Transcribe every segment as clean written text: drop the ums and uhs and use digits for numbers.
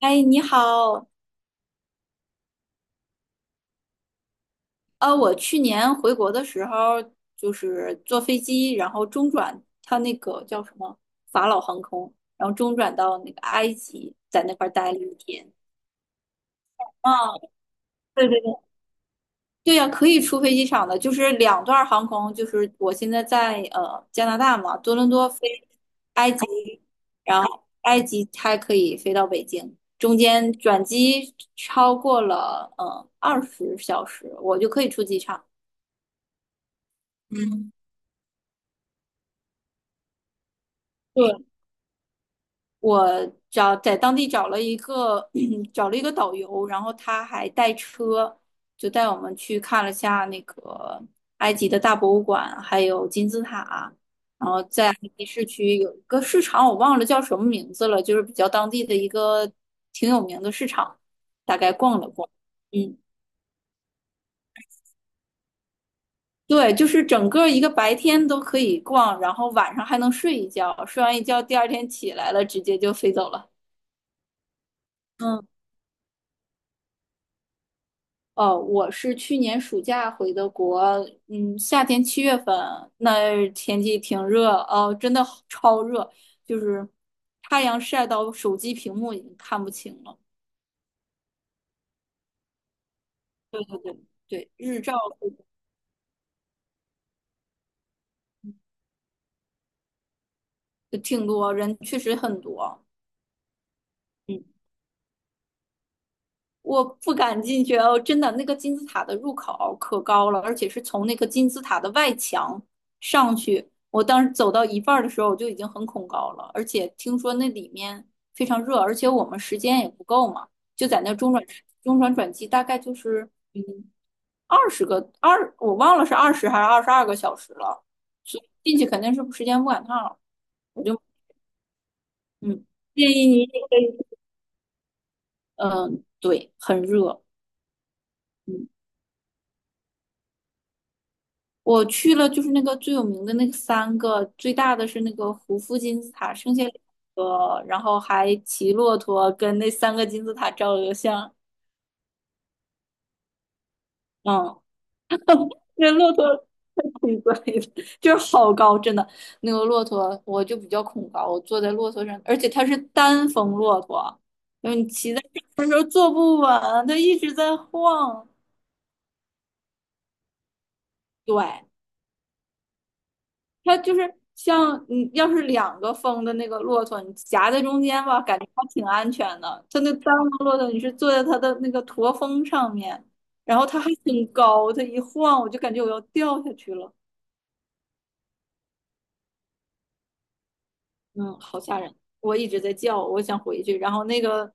哎，你好。我去年回国的时候，就是坐飞机，然后中转，它那个叫什么法老航空，然后中转到那个埃及，在那块儿待了一天。啊，对对对，对呀，可以出飞机场的，就是两段航空。就是我现在在加拿大嘛，多伦多飞，然后埃及还可以飞到北京，中间转机超过了20小时，我就可以出机场。嗯。对。在当地找了一个 找了一个导游，然后他还带车，就带我们去看了下那个埃及的大博物馆，还有金字塔。然后在埃及市区有一个市场，我忘了叫什么名字了，就是比较当地的一个挺有名的市场，大概逛了逛。嗯。对，就是整个一个白天都可以逛，然后晚上还能睡一觉，睡完一觉第二天起来了，直接就飞走了。嗯。哦，我是去年暑假回的国，嗯，夏天7月份，那天气挺热。哦，真的好超热，就是太阳晒到手机屏幕已经看不清了。对，日照挺多，人确实很多。嗯。我不敢进去哦，真的。那个金字塔的入口可高了，而且是从那个金字塔的外墙上去。我当时走到一半儿的时候，我就已经很恐高了，而且听说那里面非常热，而且我们时间也不够嘛。就在那中转转机，大概就是嗯二十个二，我忘了是二十还是22个小时了，所以进去肯定是时间不赶趟了。我就嗯建议你也可以。嗯，对，很热。嗯。我去了，就是那个最有名的那个三个，最大的是那个胡夫金字塔，剩下两个，然后还骑骆驼跟那三个金字塔照了个相。嗯，那骆驼 挺贵的，就是好高，真的。那个骆驼我就比较恐高，我坐在骆驼上，而且它是单峰骆驼，因为你骑在上面的时候坐不稳，它一直在晃。对，它就是像你要是两个风的那个骆驼，你夹在中间吧，感觉还挺安全的。它那单个骆驼，你是坐在它的那个驼峰上面，然后它还挺高，它一晃我就感觉我要掉下去了。嗯，好吓人！我一直在叫，我想回去。然后那个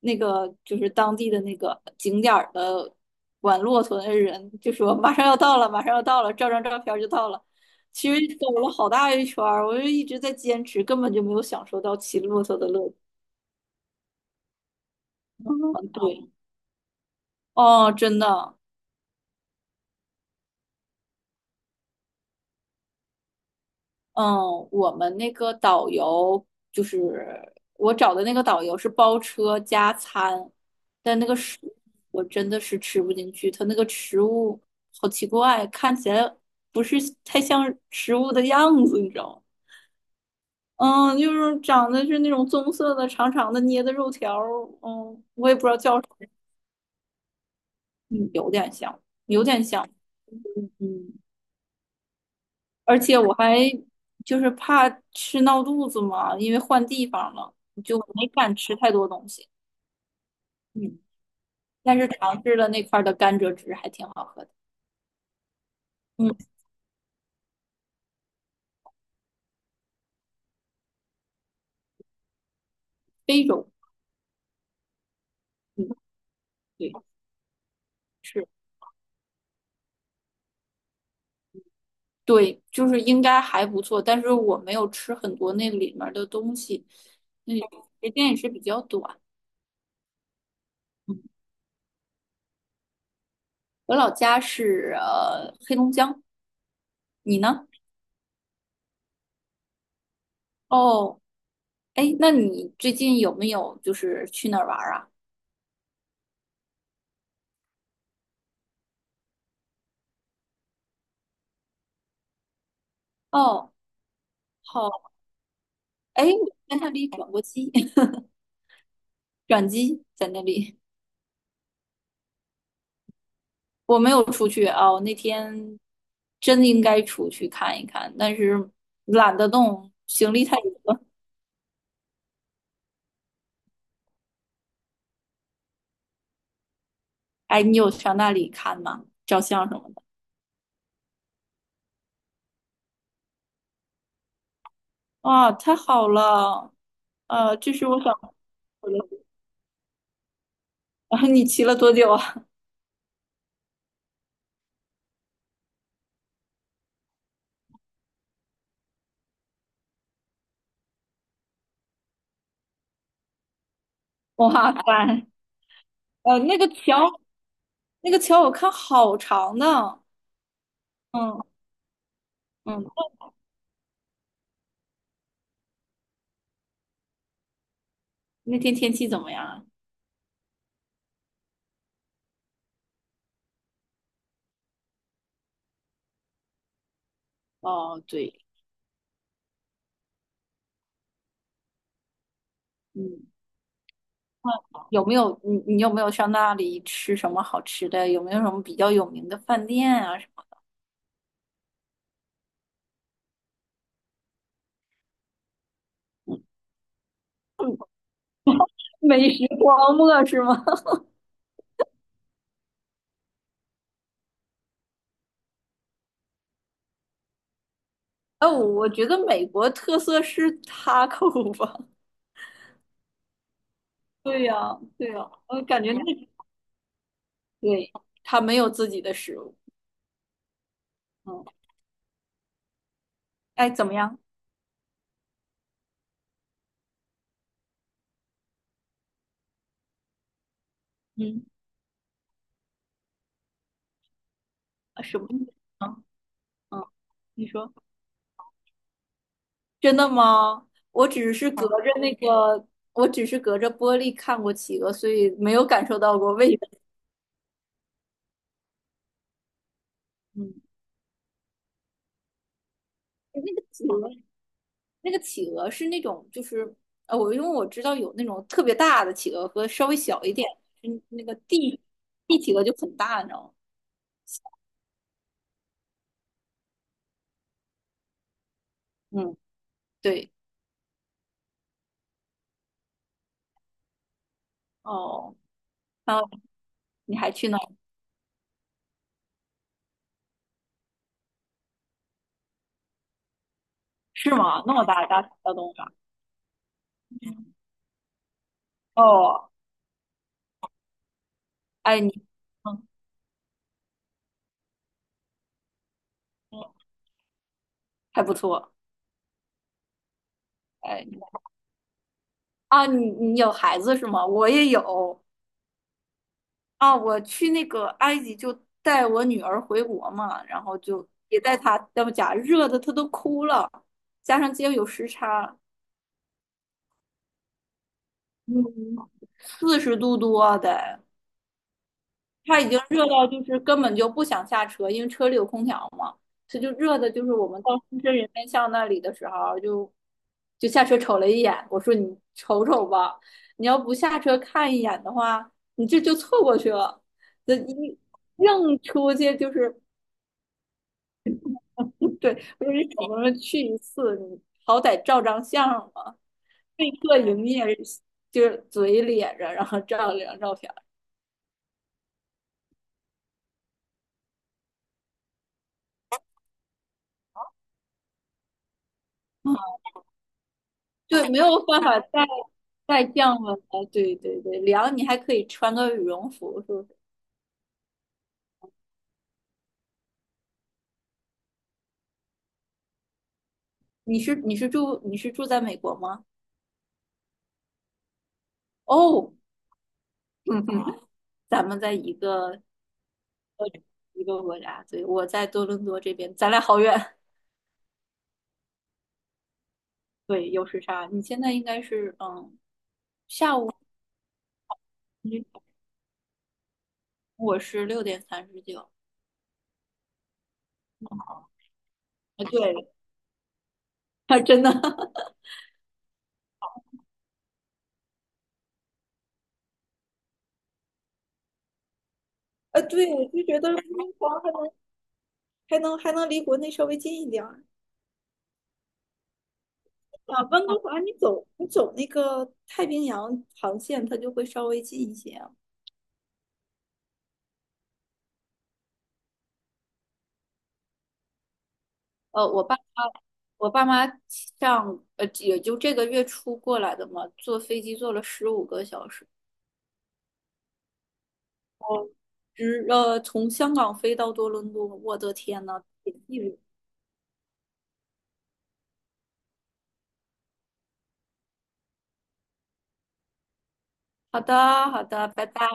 就是当地的那个景点儿的管骆驼的人就说马上要到了，马上要到了，照张照片儿就到了。其实走了好大一圈儿，我就一直在坚持，根本就没有享受到骑骆驼的乐趣。嗯，对。哦，真的。嗯，我们那个导游就是我找的那个导游是包车加餐，但那个食物我真的是吃不进去。他那个食物好奇怪，看起来不是太像食物的样子，你知道吗？嗯，就是长得是那种棕色的、长长的捏的肉条儿。我也不知道叫什么。嗯，有点像，有点像。嗯。而且我还就是怕吃闹肚子嘛，因为换地方了，就没敢吃太多东西。嗯，但是尝试了那块儿的甘蔗汁，还挺好喝的。嗯，非洲，嗯，对，是，对，就是应该还不错，但是我没有吃很多那里面儿的东西。嗯，时间也是比较短。嗯。我老家是黑龙江，你呢？哦。哎，那你最近有没有就是去哪儿玩儿啊？哦。好。哎，我在那里转过机，转机在那里。我没有出去啊，我那天真应该出去看一看，但是懒得动，行李太多了。哎，你有上那里看吗？照相什么的？哇，太好了！这是我想我的。啊，你骑了多久啊？哇塞。那个桥，我看好长呢。嗯。嗯，那天天气怎么样啊？哦，对。嗯。有没有你你有没有上那里吃什么好吃的？有没有什么比较有名的饭店啊？什么 美食荒漠是吗？哎，我觉得美国特色是他 a 吧。对呀，对呀，我感觉那对他没有自己的食物。嗯。哎，怎么样？嗯，啊什么意思啊？嗯，你说。真的吗？我只是隔着玻璃看过企鹅，所以没有感受到过味道。嗯，那个企鹅。那个企鹅。是那种就是，因为我知道有那种特别大的企鹅和稍微小一点。嗯，那个地企鹅就很大，你知道吗？嗯，对。哦，还有你还去那儿是吗？那么大动物园。哦，哎你，嗯嗯，还不错。哎你啊，你有孩子是吗？我也有啊。我去那个埃及就带我女儿回国嘛，然后就也带她，要不假热的她都哭了，加上今天有时差。嗯，40度多啊得。他已经热到就是根本就不想下车，因为车里有空调嘛。他就热的，就是我们到深圳人民巷那里的时候就，下车瞅了一眼。我说你瞅瞅吧，你要不下车看一眼的话，你这就错过去了，那一硬出去就是。对，我说你怎么去一次，你好歹照张相嘛。被迫营业就是嘴咧着，然后照了两张照片。对，没有办法再降温了。哎对对对，凉你还可以穿个羽绒服，是不是？你是住在美国吗？哦。嗯哼。咱们在一个国家。对，我在多伦多这边，咱俩好远。对，有时差。你现在应该是。嗯，你我是6:39。啊，对。还真的。 啊，对，我就觉得温哥华还能离国内稍微近一点。啊，温哥华你走那个太平洋航线，它就会稍微近一些。呃，我爸妈我爸妈也就这个月初过来的嘛，坐飞机坐了15个小时。哦，从香港飞到多伦多，我的天呐。好的，好的，拜拜。